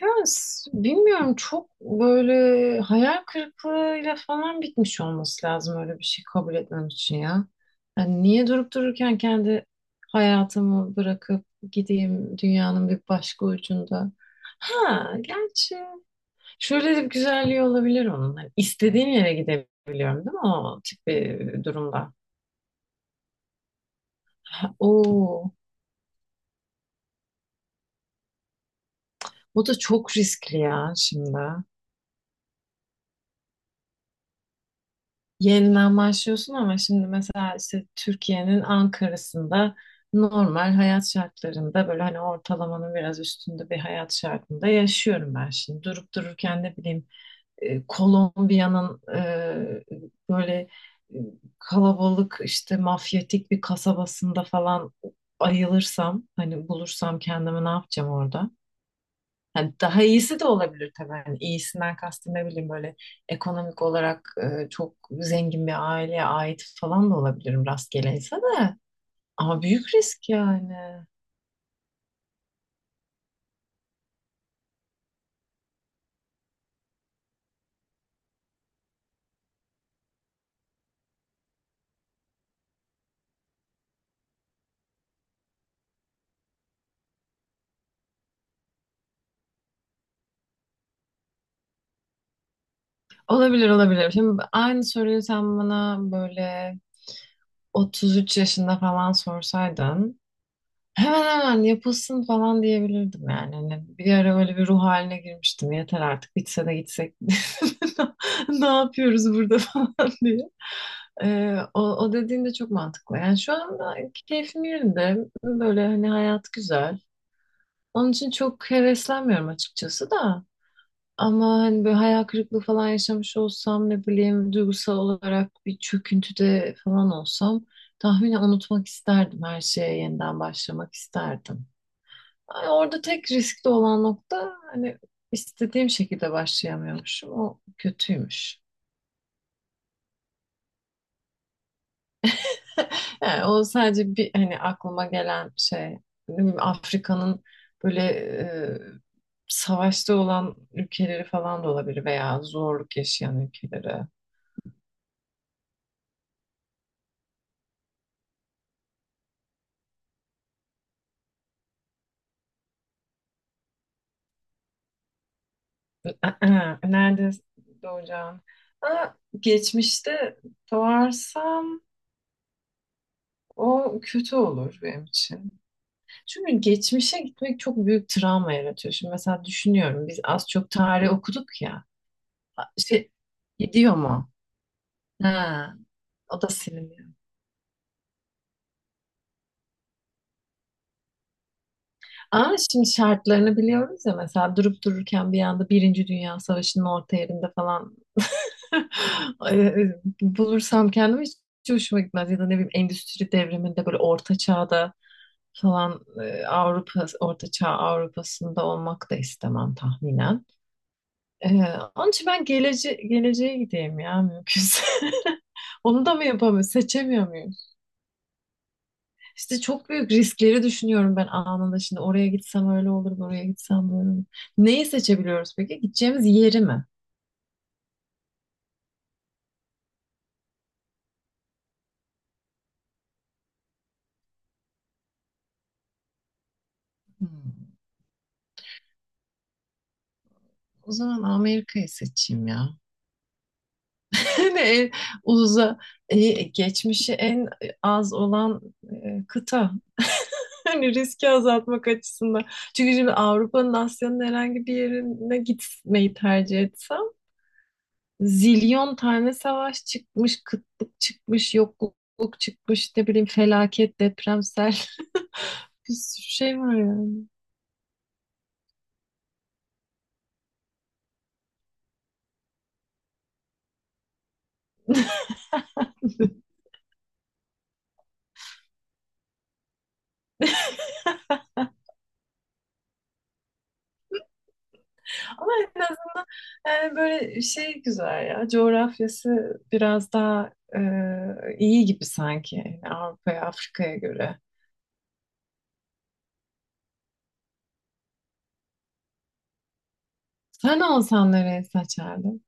Bilmiyorum, çok böyle hayal kırıklığıyla falan bitmiş olması lazım öyle bir şey kabul etmem için ya. Yani niye durup dururken kendi hayatımı bırakıp gideyim dünyanın bir başka ucunda. Ha, gerçi şöyle de bir güzelliği olabilir onun. Hani istediğim yere gidebiliyorum değil mi o tip bir durumda? Ha, oo, o da çok riskli ya şimdi. Yeniden başlıyorsun ama şimdi mesela işte Türkiye'nin Ankara'sında normal hayat şartlarında böyle hani ortalamanın biraz üstünde bir hayat şartında yaşıyorum ben şimdi. Durup dururken ne bileyim Kolombiya'nın böyle, e, kalabalık işte mafyatik bir kasabasında falan ayılırsam hani bulursam kendimi ne yapacağım orada? Hani daha iyisi de olabilir tabii. Hani iyisinden kastım ne bileyim böyle ekonomik olarak çok zengin bir aileye ait falan da olabilirim rastgele de. Ama büyük risk yani. Olabilir, olabilir. Şimdi aynı soruyu sen bana böyle 33 yaşında falan sorsaydın hemen hemen yapılsın falan diyebilirdim yani. Hani bir ara öyle bir ruh haline girmiştim. Yeter artık bitse de gitsek. Ne yapıyoruz burada falan diye. O, o dediğin de çok mantıklı. Yani şu anda keyfim yerinde. Böyle hani hayat güzel. Onun için çok heveslenmiyorum açıkçası da. Ama hani böyle hayal kırıklığı falan yaşamış olsam ne bileyim duygusal olarak bir çöküntüde falan olsam tahminen unutmak isterdim. Her şeye yeniden başlamak isterdim. Yani orada tek riskli olan nokta hani istediğim şekilde başlayamıyormuşum. O kötüymüş. Yani o sadece bir hani aklıma gelen şey. Ne bileyim, Afrika'nın böyle savaşta olan ülkeleri falan da olabilir veya zorluk yaşayan ülkeleri. Nerede doğacağım? Aa, geçmişte doğarsam o kötü olur benim için. Çünkü geçmişe gitmek çok büyük travma yaratıyor. Şimdi mesela düşünüyorum biz az çok tarih okuduk ya. Şey, gidiyor mu? Ha, o da siliniyor. Ama şimdi şartlarını biliyoruz ya, mesela durup dururken bir anda Birinci Dünya Savaşı'nın orta yerinde falan ay, bulursam kendimi hiç hoşuma gitmez. Ya da ne bileyim endüstri devriminde böyle orta çağda falan, Avrupa, orta çağ Avrupa'sında olmak da istemem tahminen. Ee, Onun için ben geleceğe gideyim ya mümkünse. Onu da mı yapamıyorum? Seçemiyor muyum? İşte çok büyük riskleri düşünüyorum ben anında. Şimdi oraya gitsem öyle olur, buraya gitsem böyle olur. Neyi seçebiliyoruz peki? Gideceğimiz yeri mi? Hmm, O zaman Amerika'yı seçeyim ya. Yani en uza, e, geçmişi en az olan kıta. Hani riski azaltmak açısından. Çünkü şimdi Avrupa'nın, Asya'nın herhangi bir yerine gitmeyi tercih etsem zilyon tane savaş çıkmış, kıtlık çıkmış, yokluk çıkmış, ne bileyim felaket, deprem, sel. Bir sürü şey var yani. Ama en azından yani böyle şey güzel ya. Coğrafyası biraz daha e, iyi gibi sanki yani Avrupa'ya, Afrika'ya göre. Sen olsan nereye seçerdin?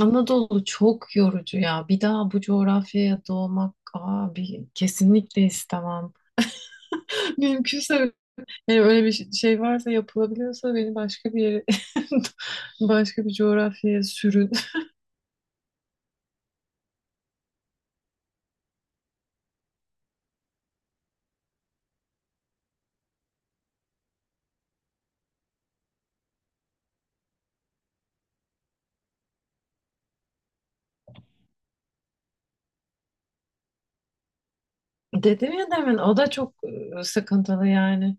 Anadolu çok yorucu ya. Bir daha bu coğrafyaya doğmak abi kesinlikle istemem. Mümkünse yani öyle bir şey, şey varsa yapılabiliyorsa beni başka bir yere başka bir coğrafyaya sürün. Dedim ya demin, o da çok sıkıntılı yani.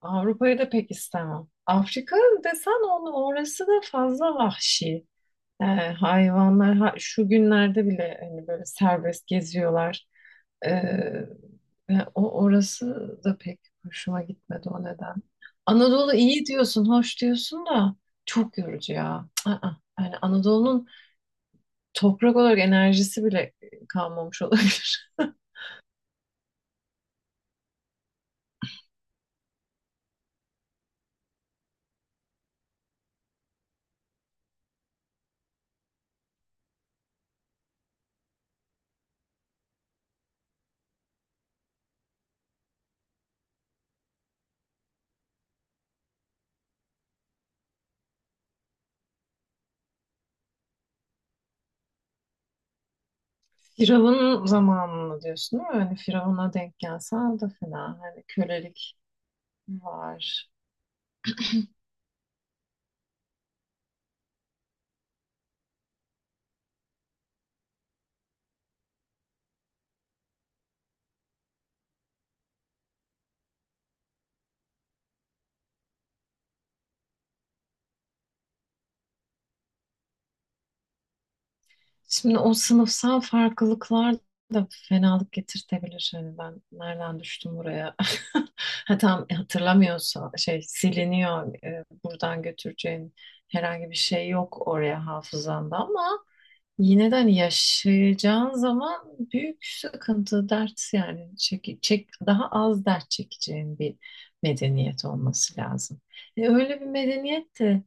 Avrupa'yı da pek istemem. Afrika desen onu, orası da fazla vahşi. E, hayvanlar şu günlerde bile hani böyle serbest geziyorlar. E, ve o orası da pek hoşuma gitmedi o neden. Anadolu iyi diyorsun, hoş diyorsun da çok yorucu ya. Aa, yani Anadolu'nun toprak olarak enerjisi bile kalmamış olabilir. Firavun zamanını diyorsun değil mi? Hani Firavun'a denk gelsen de fena. Hani kölelik var. Şimdi o sınıfsal farklılıklar da fenalık getirtebilir. Hani ben nereden düştüm buraya? Ha, tam hatırlamıyorsa şey siliniyor. Buradan götüreceğin herhangi bir şey yok oraya hafızanda ama yine de hani yaşayacağın zaman büyük sıkıntı, dert yani, çek, çek, daha az dert çekeceğin bir medeniyet olması lazım. Öyle bir medeniyet de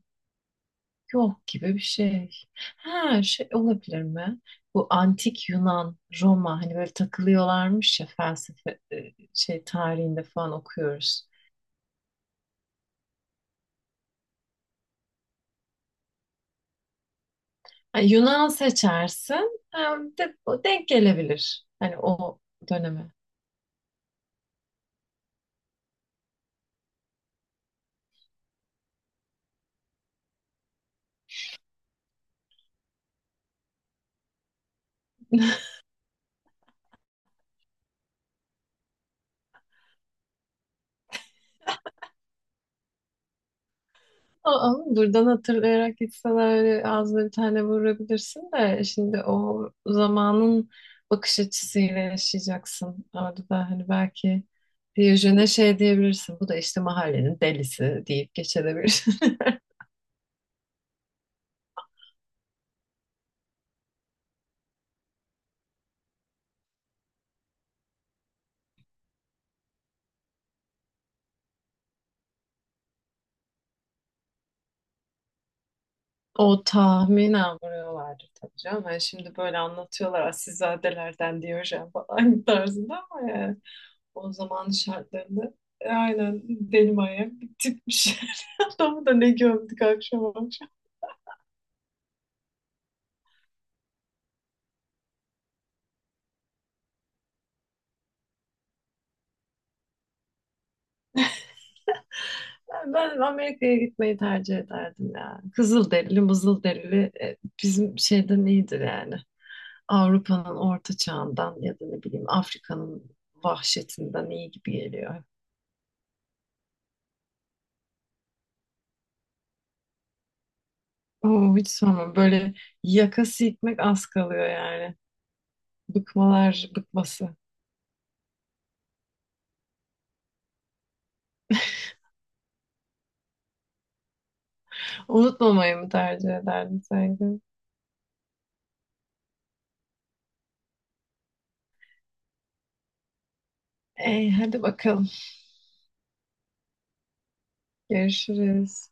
yok gibi bir şey. Ha, şey olabilir mi? Bu antik Yunan, Roma, hani böyle takılıyorlarmış ya felsefe, şey tarihinde falan okuyoruz. Hani Yunan seçersin, ha, denk gelebilir. Hani o döneme. Ama buradan hatırlayarak gitsen öyle ağzına bir tane vurabilirsin de şimdi o zamanın bakış açısıyla yaşayacaksın. Orada da hani belki Diyojen'e şey diyebilirsin. Bu da işte mahallenin delisi deyip geçebilirsin. O tahminen vuruyorlardı tabii canım. Yani şimdi böyle anlatıyorlar asilzadelerden Diyojen falan tarzında ama yani o zamanın şartlarında, aynen, deli manyak bir tipmiş. Adamı da ne gömdük akşam akşam. Ben Amerika'ya gitmeyi tercih ederdim ya. Kızılderili, mızılderili, bizim şeyden iyidir yani. Avrupa'nın orta çağından ya da ne bileyim Afrika'nın vahşetinden iyi gibi geliyor. Oo, hiç sorma, böyle yakası gitmek az kalıyor yani. Bıkmalar bıkması. Unutmamayı mı tercih ederdin sanki? Ey, hadi bakalım. Görüşürüz.